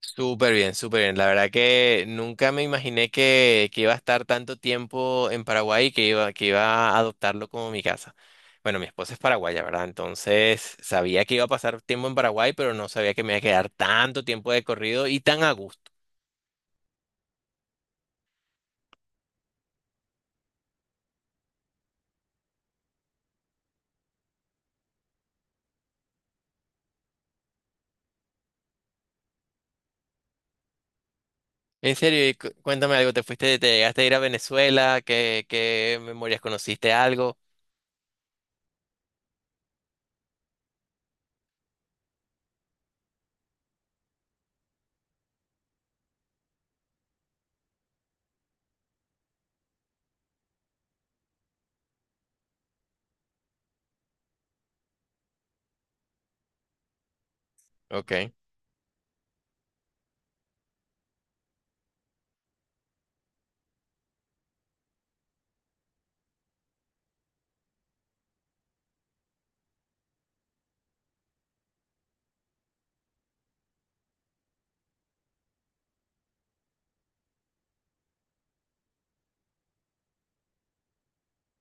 Súper bien, súper bien. La verdad que nunca me imaginé que iba a estar tanto tiempo en Paraguay y que iba a adoptarlo como mi casa. Bueno, mi esposa es paraguaya, ¿verdad? Entonces sabía que iba a pasar tiempo en Paraguay, pero no sabía que me iba a quedar tanto tiempo de corrido y tan a gusto. En serio, y cuéntame algo. ¿Te fuiste? ¿Te llegaste a ir a Venezuela? ¿Qué memorias conociste algo? Ok.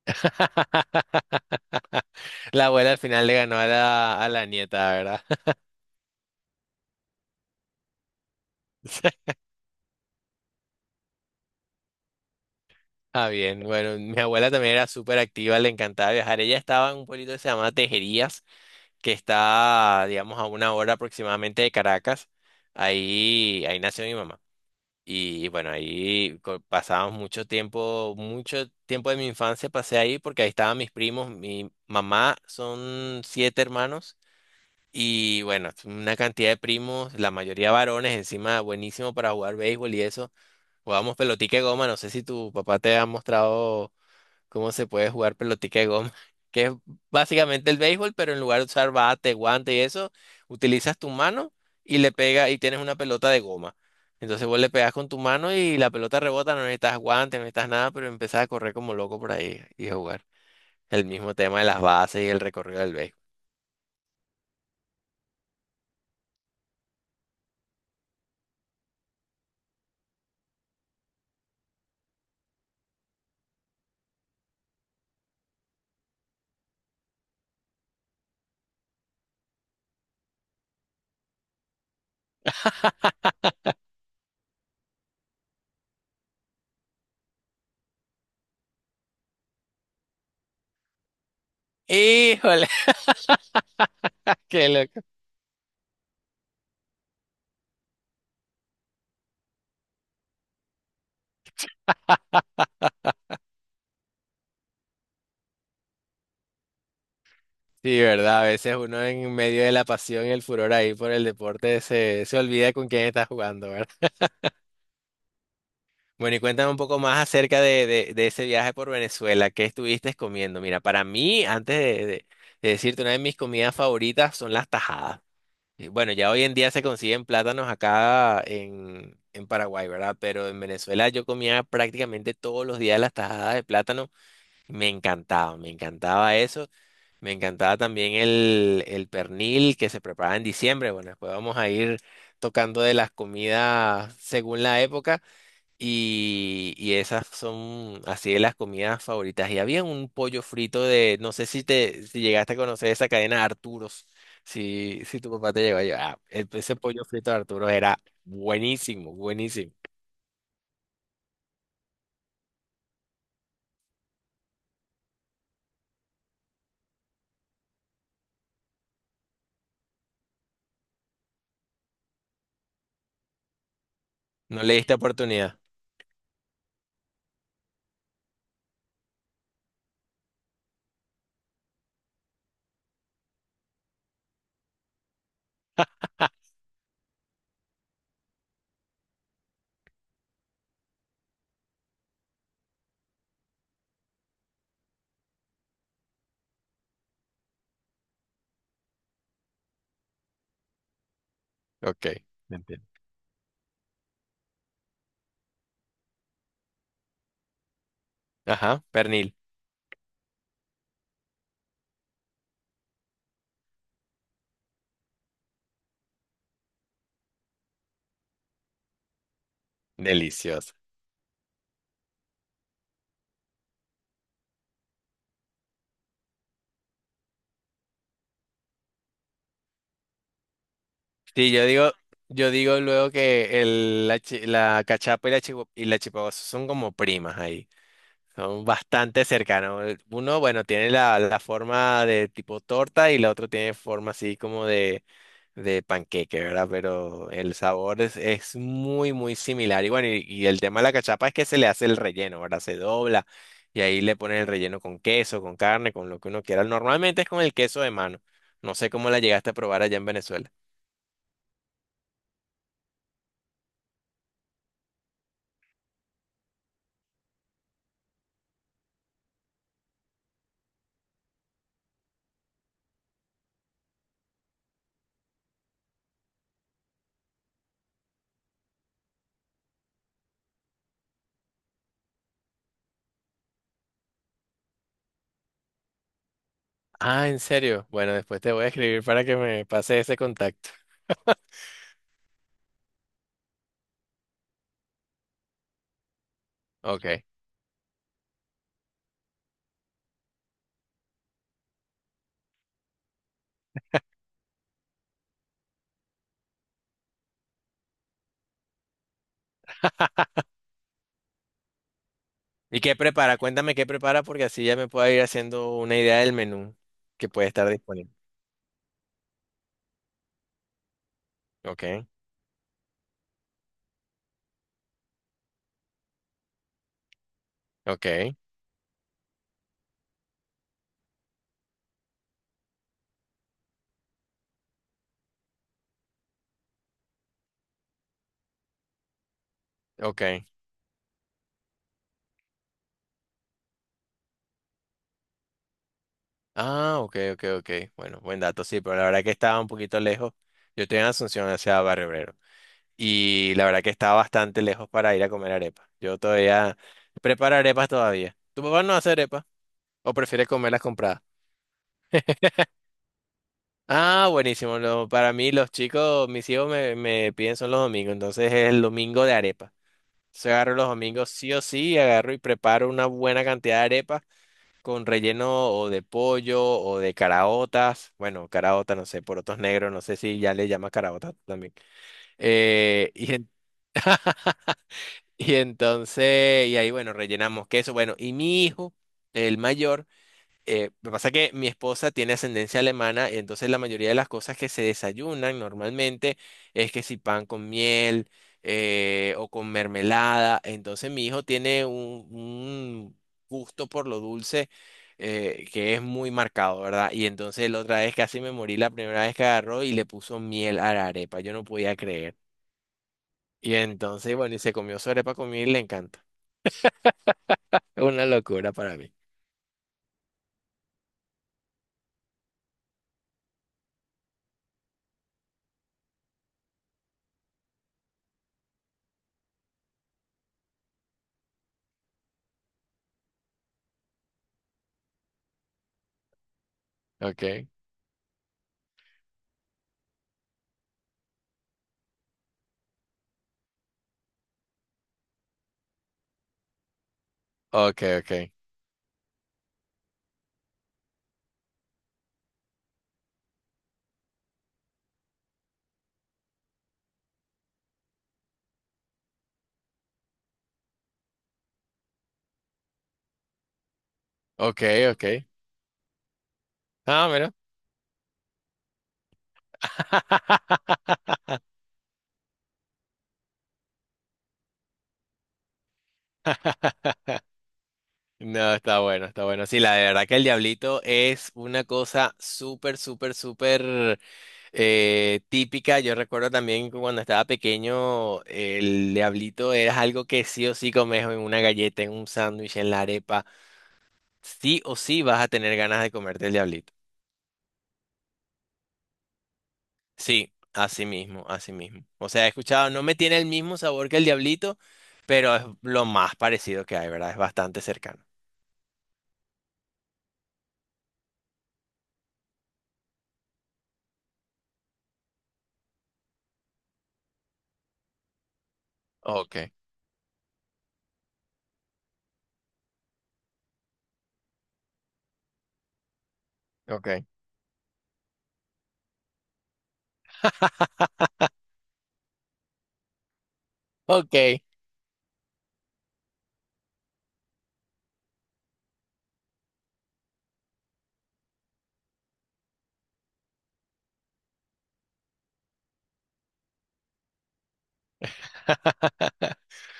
La abuela al final le ganó a la nieta, ¿verdad? Ah, bien, bueno, mi abuela también era súper activa, le encantaba viajar. Ella estaba en un pueblito que se llama Tejerías, que está, digamos, a una hora aproximadamente de Caracas. Ahí nació mi mamá. Y bueno, ahí pasábamos mucho tiempo de mi infancia pasé ahí porque ahí estaban mis primos. Mi mamá son siete hermanos y bueno, una cantidad de primos, la mayoría varones, encima buenísimo para jugar béisbol y eso. Jugábamos pelotica de goma, no sé si tu papá te ha mostrado cómo se puede jugar pelotica de goma, que es básicamente el béisbol, pero en lugar de usar bate, guante y eso, utilizas tu mano y le pegas y tienes una pelota de goma. Entonces vos le pegas con tu mano y la pelota rebota, no necesitas guante, no necesitas nada, pero empezás a correr como loco por ahí y a jugar. El mismo tema de las bases y el recorrido del béisbol. Híjole, qué loco. Sí, verdad, a veces uno en medio de la pasión y el furor ahí por el deporte se olvida con quién está jugando, ¿verdad? Bueno, y cuéntame un poco más acerca de ese viaje por Venezuela. ¿Qué estuviste comiendo? Mira, para mí, antes de decirte, una de mis comidas favoritas son las tajadas. Y bueno, ya hoy en día se consiguen plátanos acá en Paraguay, ¿verdad? Pero en Venezuela yo comía prácticamente todos los días las tajadas de plátano. Me encantaba eso. Me encantaba también el pernil que se preparaba en diciembre. Bueno, después vamos a ir tocando de las comidas según la época. Y esas son así de las comidas favoritas. Y había un pollo frito de, no sé si te, si llegaste a conocer esa cadena Arturos, si tu papá te llegó a llevar. Ese pollo frito de Arturos era buenísimo, buenísimo. No le diste oportunidad. Ok, entiendo. Ajá, pernil. Delicioso. Sí, yo digo luego que la cachapa y la chihuahua son como primas ahí. Son bastante cercanos. Uno, bueno, tiene la forma de tipo torta y la otra tiene forma así como de panqueque, ¿verdad? Pero el sabor es muy, muy similar. Y bueno, y el tema de la cachapa es que se le hace el relleno, ¿verdad? Se dobla y ahí le ponen el relleno con queso, con carne, con lo que uno quiera. Normalmente es con el queso de mano. No sé cómo la llegaste a probar allá en Venezuela. Ah, ¿en serio? Bueno, después te voy a escribir para que me pase ese contacto. Ok. ¿Y qué prepara? Cuéntame qué prepara porque así ya me puedo ir haciendo una idea del menú que puede estar disponible. Ok, ok, ok. Ah, ok, ok, ok. Bueno, buen dato, sí, pero la verdad que estaba un poquito lejos. Yo estoy en Asunción hacia Barrio Obrero y la verdad que estaba bastante lejos para ir a comer arepas. Yo todavía preparo arepas todavía. ¿Tu papá no hace arepas o prefiere comerlas compradas? Ah, buenísimo. Para mí los chicos, mis hijos me piden son los domingos, entonces es el domingo de arepa. Se agarro los domingos sí o sí, agarro y preparo una buena cantidad de arepas con relleno o de pollo o de caraotas. Bueno, caraota, no sé, porotos negros, no sé si ya le llamas caraota también. Eh, y, en- y entonces, y ahí, bueno, rellenamos queso. Bueno, y mi hijo, el mayor lo que pasa es que mi esposa tiene ascendencia alemana, y entonces la mayoría de las cosas que se desayunan normalmente es que si pan con miel o con mermelada. Entonces mi hijo tiene un gusto por lo dulce, que es muy marcado, ¿verdad? Y entonces la otra vez casi me morí la primera vez que agarró y le puso miel a la arepa. Yo no podía creer. Y entonces, bueno, y se comió su arepa con miel y le encanta. Es una locura para mí. Ok, ok, ok, ok, ok. Ah, mira. No, está bueno, está bueno. Sí, la de verdad que el diablito es una cosa súper, súper, súper típica. Yo recuerdo también que cuando estaba pequeño, el diablito era algo que sí o sí comes en una galleta, en un sándwich, en la arepa. Sí o sí vas a tener ganas de comerte el diablito. Sí, así mismo, así mismo. O sea, he escuchado, no me tiene el mismo sabor que el diablito, pero es lo más parecido que hay, ¿verdad? Es bastante cercano. Ok, ok. Ok,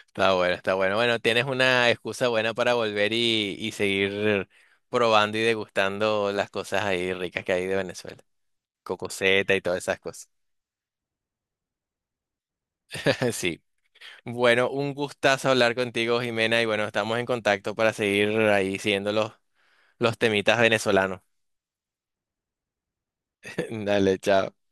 está bueno, está bueno. Bueno, tienes una excusa buena para volver y seguir probando y degustando las cosas ahí ricas que hay de Venezuela. Cocoseta y todas esas cosas. Sí. Bueno, un gustazo hablar contigo, Jimena, y bueno, estamos en contacto para seguir ahí siguiendo los temitas venezolanos. Dale, chao.